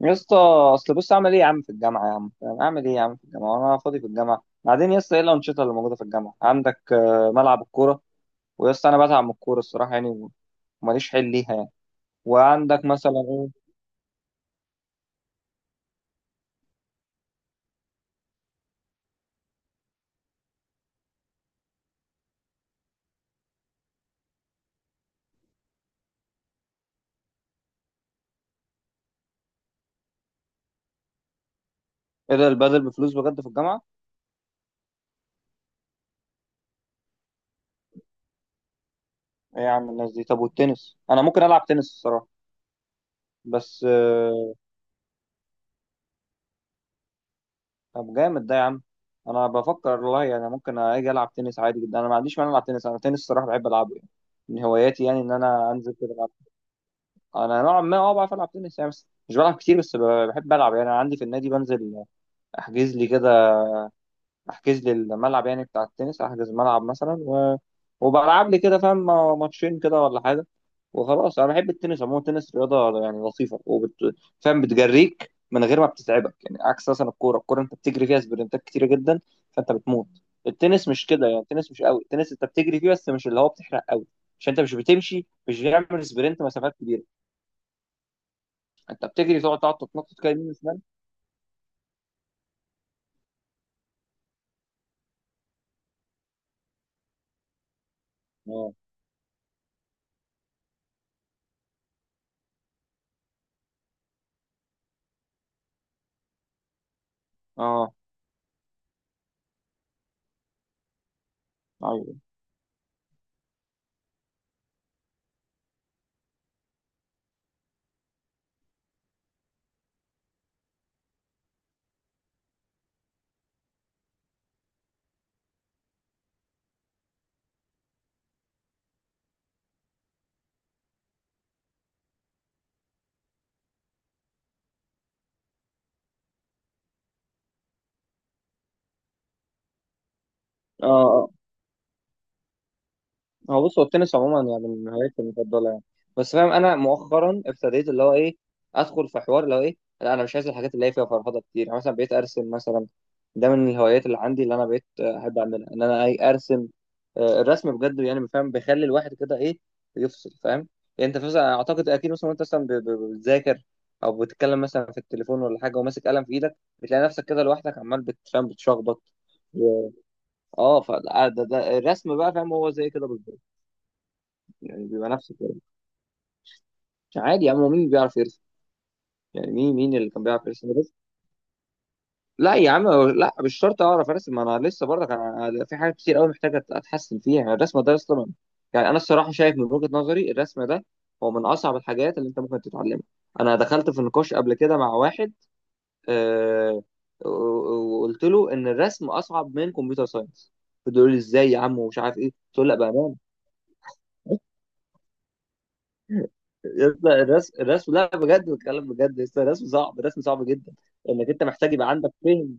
يا اسطى، اصل بص اعمل ايه يا عم في الجامعه؟ يا عم فاهم؟ اعمل ايه يا عم في الجامعه وانا فاضي في الجامعه بعدين؟ يا اسطى ايه الانشطه اللي موجوده في الجامعه عندك؟ ملعب الكوره. ويا اسطى انا بتعب من الكوره الصراحه يعني، وماليش حل ليها يعني. وعندك مثلا ايه؟ ايه ده، البادل بفلوس بجد في الجامعه؟ ايه يا عم الناس دي؟ طب والتنس انا ممكن العب تنس الصراحه. بس. طب جامد ده يا عم. انا بفكر والله يعني، ممكن اجي العب تنس عادي جدا، انا ما عنديش مانع العب تنس. انا تنس الصراحه بحب العبه يعني، من هواياتي يعني ان انا انزل كده. انا نوعا ما بعرف العب تنس يعني، بس مش بلعب كتير، بس بحب العب يعني. انا عندي في النادي بنزل، احجز لي كده، احجز لي الملعب يعني بتاع التنس، احجز ملعب مثلا وبلعب لي كده فاهم، ماتشين كده ولا حاجه. وخلاص انا بحب التنس عموما. التنس رياضه يعني لطيفه فاهم، بتجريك من غير ما بتتعبك يعني، عكس مثلا الكوره. الكوره انت بتجري فيها سبرنتات كتيره جدا، فانت بتموت. التنس مش كده يعني. التنس مش قوي. التنس انت بتجري فيه بس مش اللي هو بتحرق قوي، عشان انت مش بتمشي، مش بتعمل سبرنت مسافات كبيره. انت بتجري، تقعد تتنطط كده يمين وشمال. اه، اه، ايوه، اه، آه. هو بص، هو التنس عموما يعني من هواياتي المفضله يعني. بس فاهم، انا مؤخرا ابتديت اللي هو ايه، ادخل في حوار اللي هو ايه، لا انا مش عايز الحاجات اللي هي فيها فرهضه كتير يعني، مثلا بقيت ارسم مثلا. ده من الهوايات اللي عندي، اللي انا بقيت احب اعملها، ان انا اي ارسم. الرسم بجد يعني فاهم بيخلي الواحد كده ايه، يفصل فاهم. يعني انت فاهم اعتقد اكيد، مثلا وانت مثلا بتذاكر او بتتكلم مثلا في التليفون ولا حاجه، وماسك قلم في ايدك، بتلاقي نفسك كده لوحدك عمال بتفهم بتشخبط. اه، فده ده ده الرسم بقى فاهم، هو زي كده بالظبط يعني، بيبقى نفس الكلام. مش عادي يا عم، هو مين بيعرف يرسم؟ يعني مين اللي كان بيعرف يرسم بس؟ لا يا عم، لا مش شرط اعرف ارسم. ما انا لسه برضك، انا في حاجات كتير قوي محتاج اتحسن فيها يعني. الرسم ده اصلا يعني، انا الصراحه شايف من وجهه نظري الرسم ده هو من اصعب الحاجات اللي انت ممكن تتعلمها. انا دخلت في نقاش قبل كده مع واحد، آه وقلت له ان الرسم اصعب من كمبيوتر ساينس. فضل يقول لي ازاي يا عم ومش عارف ايه، قلت له لا، بامان. يا اسطى الرسم لا بجد، بتكلم بجد يا اسطى. الرسم صعب، الرسم صعب جدا. انك انت محتاج يبقى عندك فهم،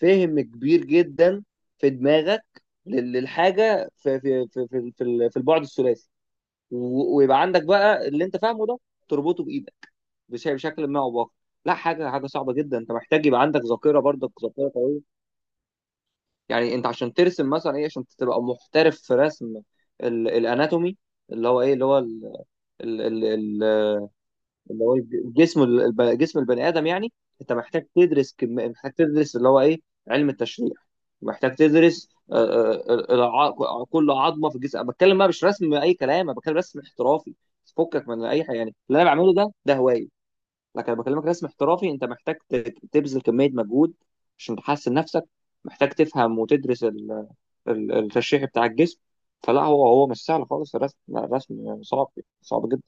فهم كبير جدا في دماغك للحاجه في البعد الثلاثي، ويبقى عندك بقى اللي انت فاهمه ده تربطه بايدك بشكل ما او باخر. لا، حاجه صعبه جدا. انت محتاج يبقى عندك ذاكره برضك، ذاكره قويه. يعني انت عشان ترسم مثلا ايه، عشان تبقى محترف في رسم الاناتومي، اللي هو ايه، اللي هو ال- ال- اللي هو جسم جسم البني ادم يعني، انت محتاج تدرس محتاج تدرس اللي هو ايه، علم التشريح. محتاج تدرس كل عظمه في الجسم. أنا بتكلم بقى مش رسم اي كلام، انا بتكلم رسم احترافي. فكك من اي حاجه، يعني اللي انا بعمله ده هوايه. لكن انا بكلمك رسم احترافي، انت محتاج تبذل كميه مجهود عشان تحسن نفسك. محتاج تفهم وتدرس التشريح بتاع الجسم. فلا، هو مش سهل خالص الرسم، لا. الرسم صعب، صعب جدا.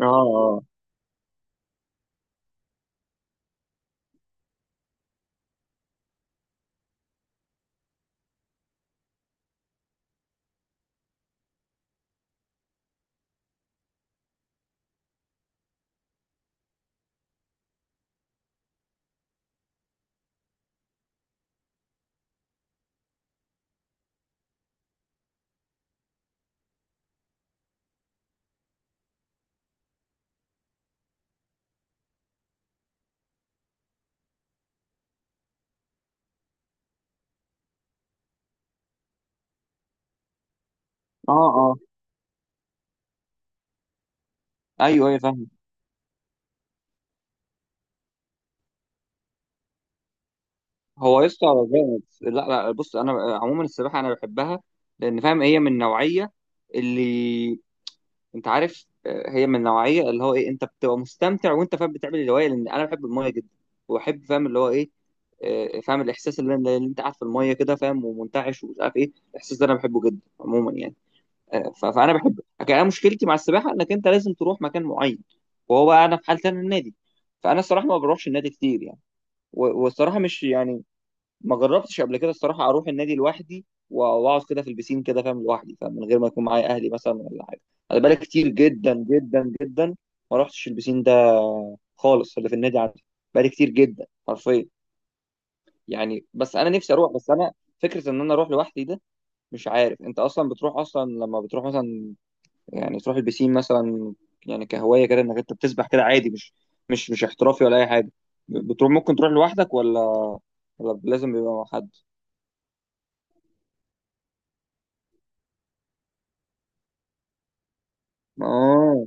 اه، اه، اه، ايوه، ايوه فاهم. هو يسطا جامد. لا لا، بص انا عموما السباحه انا بحبها، لان فاهم هي من النوعيه اللي انت عارف، هي من النوعيه، اللي هو ايه انت بتبقى مستمتع وانت فاهم بتعمل الهوايه، لان انا بحب المايه جدا، وبحب فاهم اللي هو ايه. فاهم الاحساس اللي انت قاعد في المايه كده، فاهم ومنتعش ومش عارف ايه، الاحساس ده انا بحبه جدا عموما يعني. فانا بحب. لكن انا مشكلتي مع السباحه انك انت لازم تروح مكان معين، وهو بقى انا في حالتي انا النادي، فانا الصراحه ما بروحش النادي كتير يعني. والصراحه مش يعني، ما جربتش قبل كده الصراحه اروح النادي لوحدي واقعد كده في البسين كده فاهم، لوحدي فاهم، من غير ما يكون معايا اهلي مثلا ولا حاجه. انا بقالي كتير جدا جدا جدا ما رحتش البسين ده خالص، اللي في النادي عندي، بقالي كتير جدا حرفيا. يعني بس انا نفسي اروح. بس انا فكره ان انا اروح لوحدي ده، مش عارف. انت اصلا بتروح اصلا، لما بتروح مثلا يعني تروح البسين مثلا، يعني كهوايه كده انك انت بتسبح كده عادي، مش احترافي ولا اي حاجه، بتروح ممكن تروح لوحدك ولا لازم يبقى مع حد؟ اه،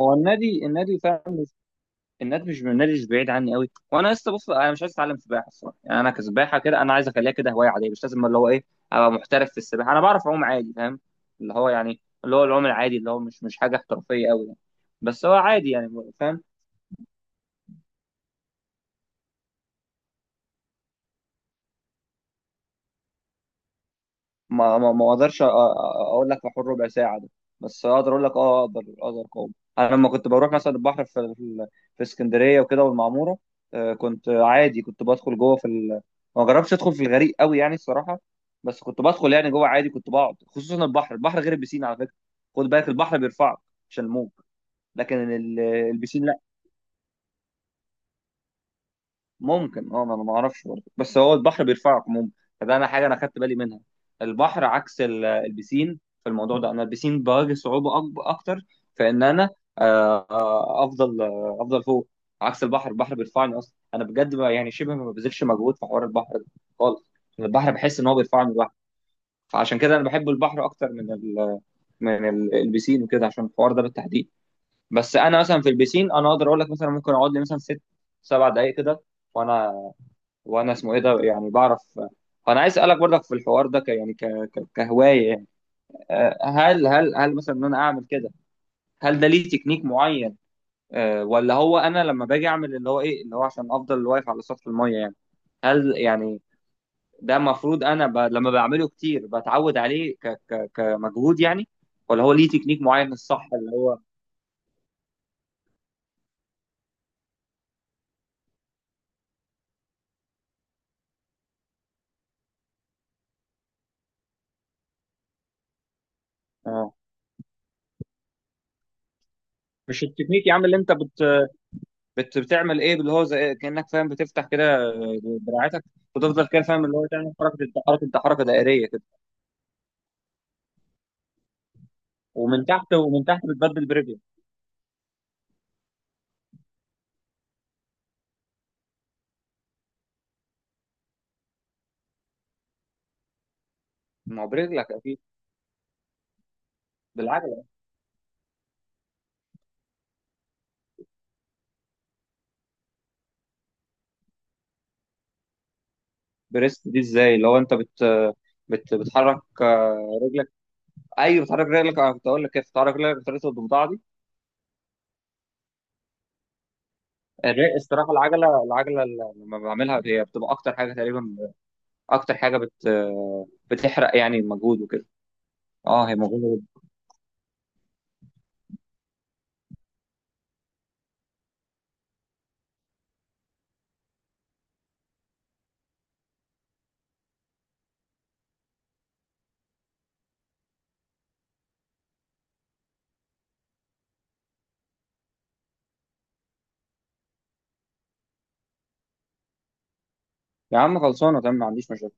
هو النادي النادي فعلا مش النادي مش النادي مش بعيد عني قوي، وانا لسه بص انا مش عايز اتعلم سباحه الصراحه يعني. انا كسباحه كده انا عايز اخليها كده هوايه عاديه، مش لازم اللي هو ايه ابقى محترف في السباحه. انا بعرف اعوم عادي فاهم، اللي هو يعني اللي هو العوم العادي، اللي هو مش حاجه احترافيه قوي يعني، بس هو عادي يعني فاهم. ما اقدرش اقول لك في حوار ربع ساعه ده، بس اقدر اقول لك، اه، اقدر اقاوم. انا لما كنت بروح مثلا البحر في اسكندريه وكده والمعموره، كنت عادي، كنت بدخل جوه في ما جربتش ادخل في الغريق قوي يعني الصراحه، بس كنت بدخل يعني جوه عادي، كنت بقعد. خصوصا البحر، البحر غير البسين على فكره. خد بالك، البحر بيرفعك عشان الموج. لكن البسين ممكن اه، ما انا ما اعرفش برضه، بس هو البحر بيرفعك عموما. فده انا حاجه انا خدت بالي منها. البحر عكس البسين في الموضوع ده، انا البسين بواجه صعوبه اكتر في ان انا، افضل، افضل فوق، عكس البحر. البحر بيرفعني اصلا انا بجد، يعني شبه ما ببذلش مجهود في حوار البحر ده خالص. البحر بحس ان هو بيرفعني لوحده، فعشان كده انا بحب البحر اكتر من ال البسين وكده، عشان الحوار ده بالتحديد. بس انا مثلا في البسين انا اقدر اقول لك، مثلا ممكن اقعد لي مثلا ست سبع دقائق كده، وانا وانا اسمه ايه ده يعني بعرف. فانا عايز اسالك برضك في الحوار ده، ك يعني ك... ك... كهوايه يعني، هل مثلا ان انا اعمل كده، هل ده ليه تكنيك معين؟ ولا هو انا لما باجي اعمل اللي هو ايه، اللي هو عشان افضل واقف على سطح الميه يعني، هل يعني ده المفروض انا لما بعمله كتير بتعود عليه كمجهود يعني، ولا هو ليه تكنيك معين الصح اللي هو؟ آه. مش التكنيك يا عم اللي انت بت... بت بتعمل ايه، اللي هو زي إيه، كانك فاهم بتفتح كده دراعتك، وتفضل كده فاهم، اللي هو تعمل حركه دائريه كده، ومن تحت، ومن تحت بتبدل برجلك. ما هو برجلك اكيد، بالعجله. بريست دي ازاي؟ اللي هو انت بت بتحرك رجلك. ايوه بتحرك رجلك، انا كنت اقول لك كيف بتحرك رجلك بطريقه الضفدعه دي. الصراحه، العجله لما بعملها هي بتبقى اكتر حاجه تقريبا، اكتر حاجه بتحرق يعني المجهود وكده. اه هي مجهود. يا عم خلصانه تمام، ما عنديش مشاكل.